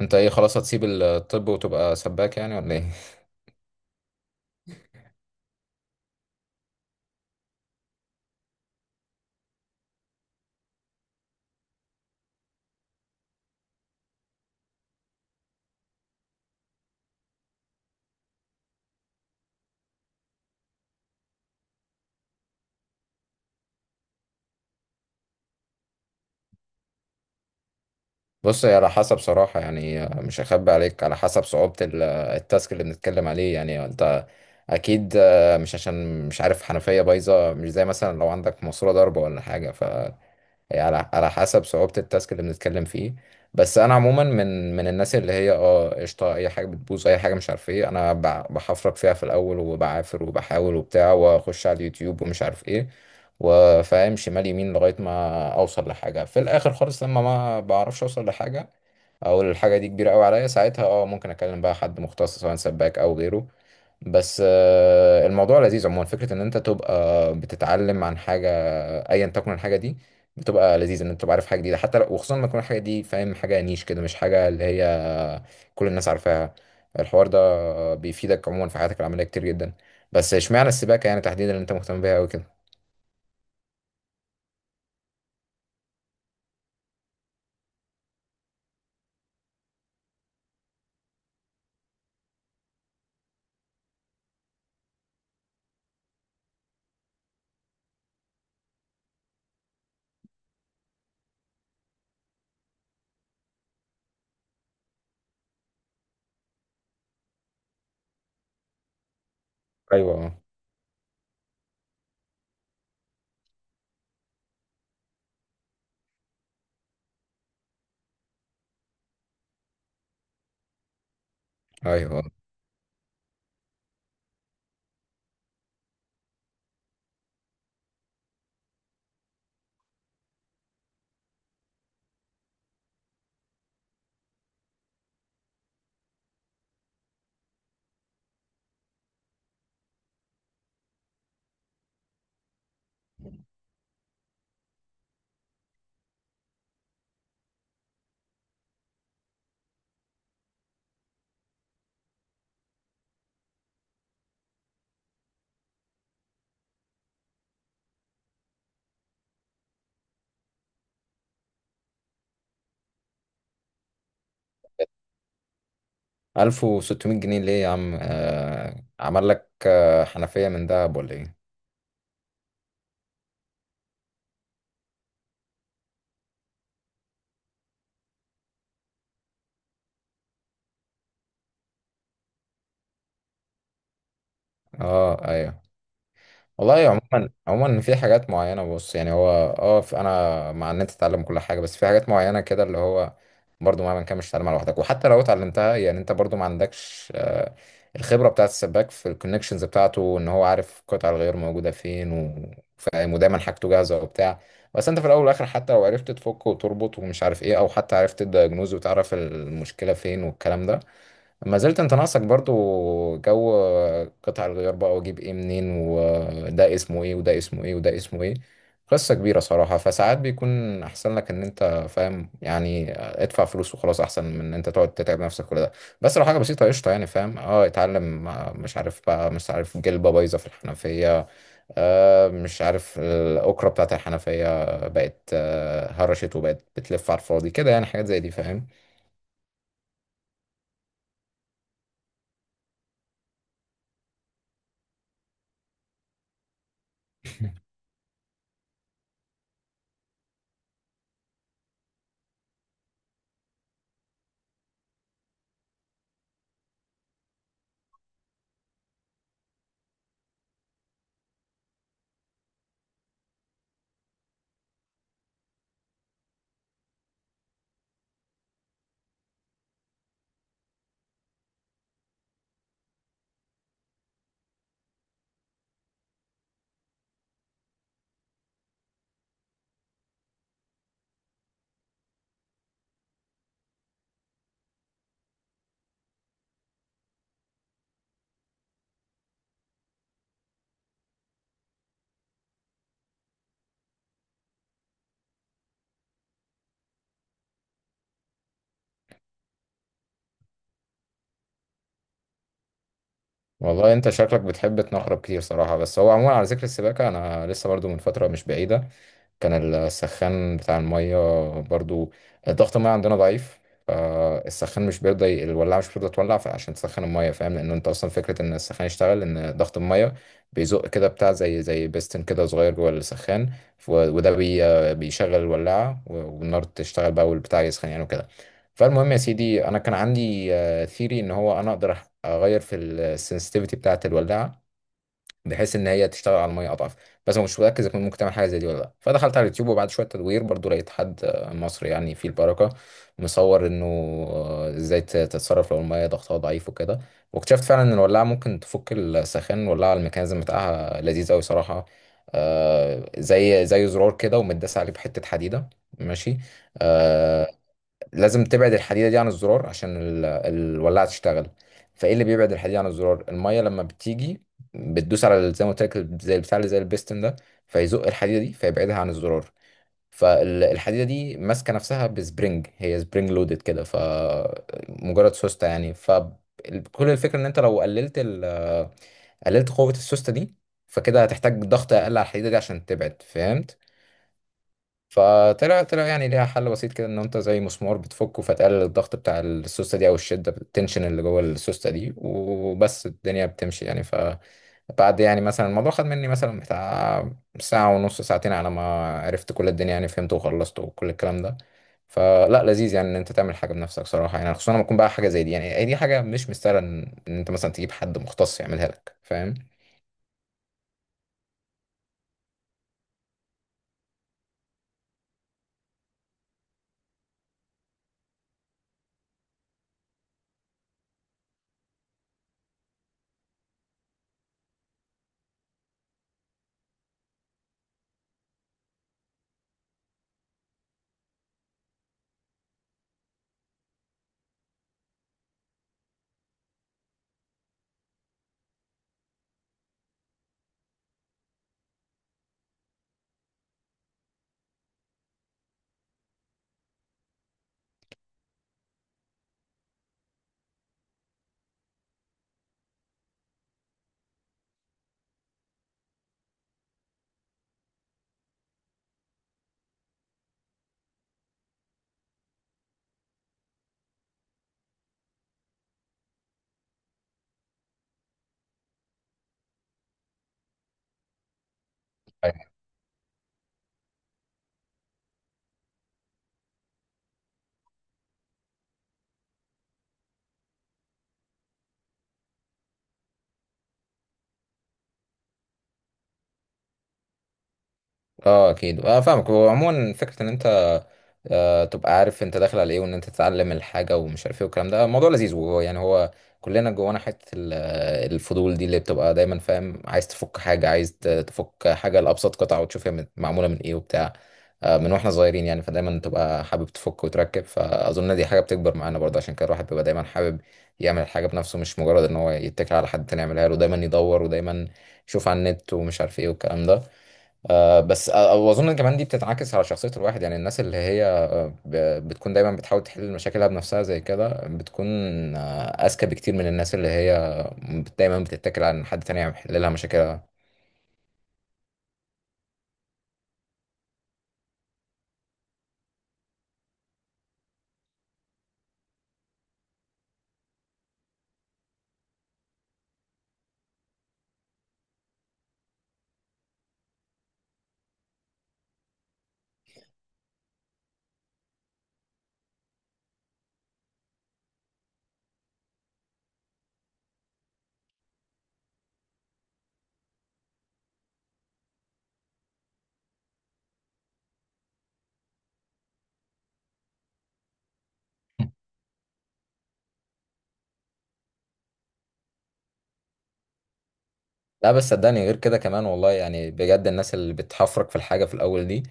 انت ايه خلاص هتسيب الطب وتبقى سباك يعني ولا ايه؟ بص، هي على حسب صراحة، يعني مش هخبي عليك، على حسب صعوبة التاسك اللي بنتكلم عليه. يعني انت اكيد، مش عشان مش عارف حنفية بايظة مش زي مثلا لو عندك ماسورة ضربة ولا حاجة. هي على حسب صعوبة التاسك اللي بنتكلم فيه. بس انا عموما من الناس اللي هي قشطة، اي حاجة بتبوظ اي حاجة مش عارف ايه، انا بحفرك فيها في الاول وبعافر وبحاول وبتاع، واخش على اليوتيوب ومش عارف ايه، وفاهم شمال يمين لغاية ما اوصل لحاجة في الاخر خالص. لما ما بعرفش اوصل لحاجة او الحاجة دي كبيرة قوي عليا، ساعتها ممكن اكلم بقى حد مختص، سواء سباك او غيره. بس الموضوع لذيذ عموما، فكرة ان انت تبقى بتتعلم عن حاجة ايا تكن الحاجه دي. بتبقى لذيذه ان انت تبقى عارف حاجه جديده، حتى لو وخصوصا لما تكون الحاجه دي فاهم حاجه نيش كده، مش حاجه اللي هي كل الناس عارفاها. الحوار ده بيفيدك عموما في حياتك العمليه كتير جدا. بس اشمعنى السباكه يعني تحديدا اللي انت مهتم بيها قوي كده؟ ايوه. ايوه. 1600 جنيه ليه يا عم؟ عمل لك حنفيه من دهب ولا ايه؟ اه، ايوه. والله، عموما في حاجات معينة، بص يعني هو، اه انا مع ان انت تتعلم كل حاجة، بس في حاجات معينة كده اللي هو برضو مهما كان مش هتتعلمها لوحدك. وحتى لو اتعلمتها يعني، انت برضو ما عندكش الخبرة بتاعة السباك في الكونكشنز بتاعته، ان هو عارف قطع الغيار موجودة فين فاهم، ودايما حاجته جاهزة وبتاع. بس انت في الاول والاخر، حتى لو عرفت تفك وتربط ومش عارف ايه، او حتى عرفت الدايجنوز وتعرف المشكلة فين والكلام ده، ما زلت انت ناقصك برضو جو قطع الغيار بقى، واجيب ايه منين، وده اسمه ايه وده اسمه ايه وده اسمه ايه. قصة كبيرة صراحة. فساعات بيكون احسن لك ان انت فاهم، يعني ادفع فلوس وخلاص، احسن من ان انت تقعد تتعب نفسك كل ده. بس لو حاجة بسيطة قشطة، يعني فاهم، اتعلم. مش عارف بقى، مش عارف جلبة بايظة في الحنفية، مش عارف الأكرة بتاعت الحنفية بقت هرشت وبقت بتلف على الفاضي كده، يعني حاجات زي دي فاهم. والله، انت شكلك بتحب تنخرب كتير صراحة. بس هو عموما، على ذكر السباكة، انا لسه برضو من فترة مش بعيدة كان السخان بتاع المية، برضو ضغط المية عندنا ضعيف، فالسخان مش بيرضى، الولاعة مش بترضى تولع عشان تسخن المية. فاهم، لأن أنت أصلا فكرة إن السخان يشتغل إن ضغط المية بيزق كده بتاع، زي بيستن كده صغير جوه السخان. وده بيشغل الولاعة، والنار تشتغل بقى والبتاع يسخن يعني وكده. فالمهم يا سيدي، أنا كان عندي ثيري إن هو أنا أقدر أغير في السنسيتيفيتي بتاعة الولاعة، بحيث ان هي تشتغل على الميه اضعف. بس ما كنتش متاكد اذا كنت ممكن تعمل حاجه زي دي ولا لا. فدخلت على اليوتيوب، وبعد شويه تدوير برضو لقيت حد مصري يعني في البركه، مصور انه ازاي تتصرف لو الميه ضغطها ضعيف وكده. واكتشفت فعلا ان الولاعه ممكن تفك السخان، والولاعه الميكانيزم بتاعها لذيذ قوي صراحه. زي زرار كده ومتداس عليه بحته حديده. ماشي. آه، لازم تبعد الحديدة دي عن الزرار عشان الولاعة تشتغل. فايه اللي بيبعد الحديدة عن الزرار؟ المية، لما بتيجي بتدوس على زي ما قلت لك، زي البتاع اللي زي البيستن ده، فيزق الحديدة دي فيبعدها عن الزرار. فالحديدة دي ماسكة نفسها بسبرينج، هي سبرينج لودد كده، فمجرد سوستة يعني. فكل الفكرة ان انت لو قللت قللت قوة السوستة دي، فكده هتحتاج ضغط اقل على الحديدة دي عشان تبعد، فهمت؟ فطلع يعني ليها حل بسيط كده، ان انت زي مسمار بتفكه، فتقلل الضغط بتاع السوسته دي او الشده، التنشن اللي جوه السوسته دي، وبس الدنيا بتمشي يعني. ف بعد، يعني مثلا، الموضوع خد مني مثلا بتاع ساعة ونص، ساعتين على ما عرفت كل الدنيا يعني، فهمت وخلصت وكل الكلام ده. فلا، لذيذ يعني ان انت تعمل حاجة بنفسك صراحة، يعني خصوصا لما تكون بقى حاجة زي دي. يعني هي دي حاجة مش مستاهلة ان إن انت مثلا تجيب حد مختص يعملها لك، فاهم. أيوة. اه، اكيد، اه فاهمك. وعموما فكره ان انت تبقى عارف انت داخل على ايه، وان انت تتعلم الحاجه ومش عارف ايه والكلام ده. الموضوع لذيذ. وهو يعني هو، كلنا جوانا حته الفضول دي، اللي بتبقى دايما فاهم، عايز تفك حاجه، عايز تفك حاجه لابسط قطعه، وتشوف هي معموله من ايه وبتاع. من واحنا صغيرين يعني، فدايما تبقى حابب تفك وتركب. فاظن دي حاجه بتكبر معانا برضه. عشان كده الواحد بيبقى دايما حابب يعمل الحاجه بنفسه، مش مجرد ان هو يتكل على حد تاني يعملها له، دايما يدور ودايما يشوف على النت ومش عارف ايه والكلام ده. بس واظن كمان دي بتتعكس على شخصيه الواحد. يعني الناس اللي هي بتكون دايما بتحاول تحل مشاكلها بنفسها زي كده، بتكون أذكى بكتير من الناس اللي هي دايما بتتكل على إن حد تاني يحل لها مشاكلها. لا بس صدقني غير كده كمان والله، يعني بجد، الناس اللي بتحفرك في الحاجة في الأول دي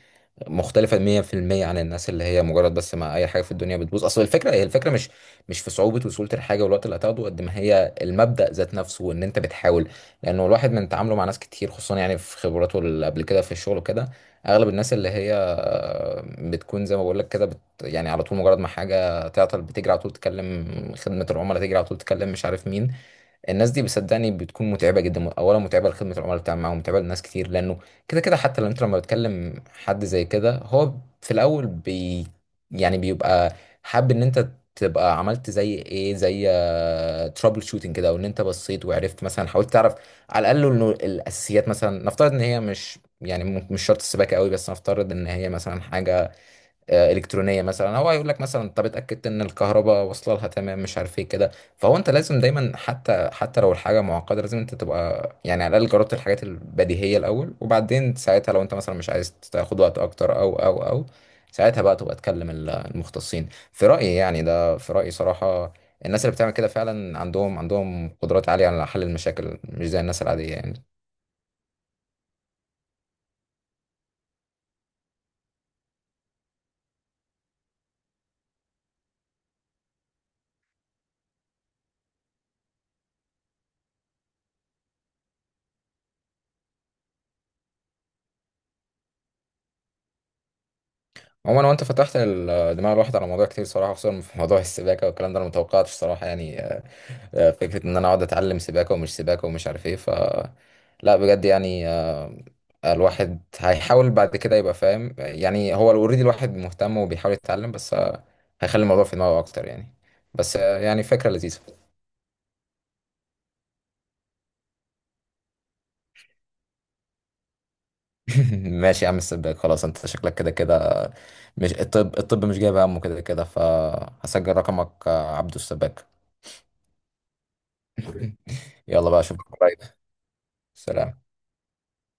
مختلفة 100% عن الناس اللي هي مجرد بس مع أي حاجة في الدنيا بتبوظ. أصل الفكرة، هي الفكرة مش في صعوبة وسهولة الحاجة والوقت اللي هتاخده، قد ما هي المبدأ ذات نفسه وإن أنت بتحاول. لأنه الواحد من تعامله مع ناس كتير، خصوصا يعني في خبراته اللي قبل كده في الشغل وكده، أغلب الناس اللي هي بتكون زي ما بقول لك كده، يعني على طول مجرد ما حاجة تعطل بتجري على طول تكلم خدمة العملاء، تجري على طول تكلم مش عارف مين. الناس دي بصدقني بتكون متعبه جدا. اولا متعبه لخدمه العملاء بتاعهم معاهم، متعبه لناس كتير، لانه كده كده حتى لو انت لما بتكلم حد زي كده، هو في الاول يعني بيبقى حابب ان انت تبقى عملت زي ايه، زي ترابل شوتنج كده، وان انت بصيت وعرفت، مثلا حاولت تعرف على الاقل انه الاساسيات. مثلا نفترض ان هي مش يعني مش شرط السباكه قوي، بس نفترض ان هي مثلا حاجه الكترونيه مثلا، هو هيقول لك مثلا، طب اتاكدت ان الكهرباء واصله لها تمام، مش عارف ايه كده. فهو انت لازم دايما، حتى لو الحاجه معقده، لازم انت تبقى يعني على الاقل جربت الحاجات البديهيه الاول. وبعدين ساعتها لو انت مثلا مش عايز تاخد وقت اكتر او او او ساعتها بقى تبقى تكلم المختصين، في رايي يعني. ده في رايي صراحه. الناس اللي بتعمل كده فعلا عندهم، عندهم قدرات عاليه على حل المشاكل، مش زي الناس العاديه يعني. عموما، وانت فتحت دماغ الواحد على موضوع كتير صراحه، خصوصا في موضوع السباكه والكلام ده. انا متوقعتش صراحه يعني فكرة إن أنا أقعد أتعلم سباكة ومش سباكة ومش عارف إيه ف. لا، بجد يعني. الواحد هيحاول بعد كده يبقى فاهم. يعني هو اوريدي الواحد مهتم وبيحاول يتعلم، بس هيخلي الموضوع في دماغه أكتر يعني. بس يعني فكرة لذيذة. ماشي يا عم السباك، خلاص أنت شكلك كده كده مش الطب، الطب مش جايب همه كده كده، فهسجل رقمك، عبدو السباك. يلا بقى أشوفك قريب. سلام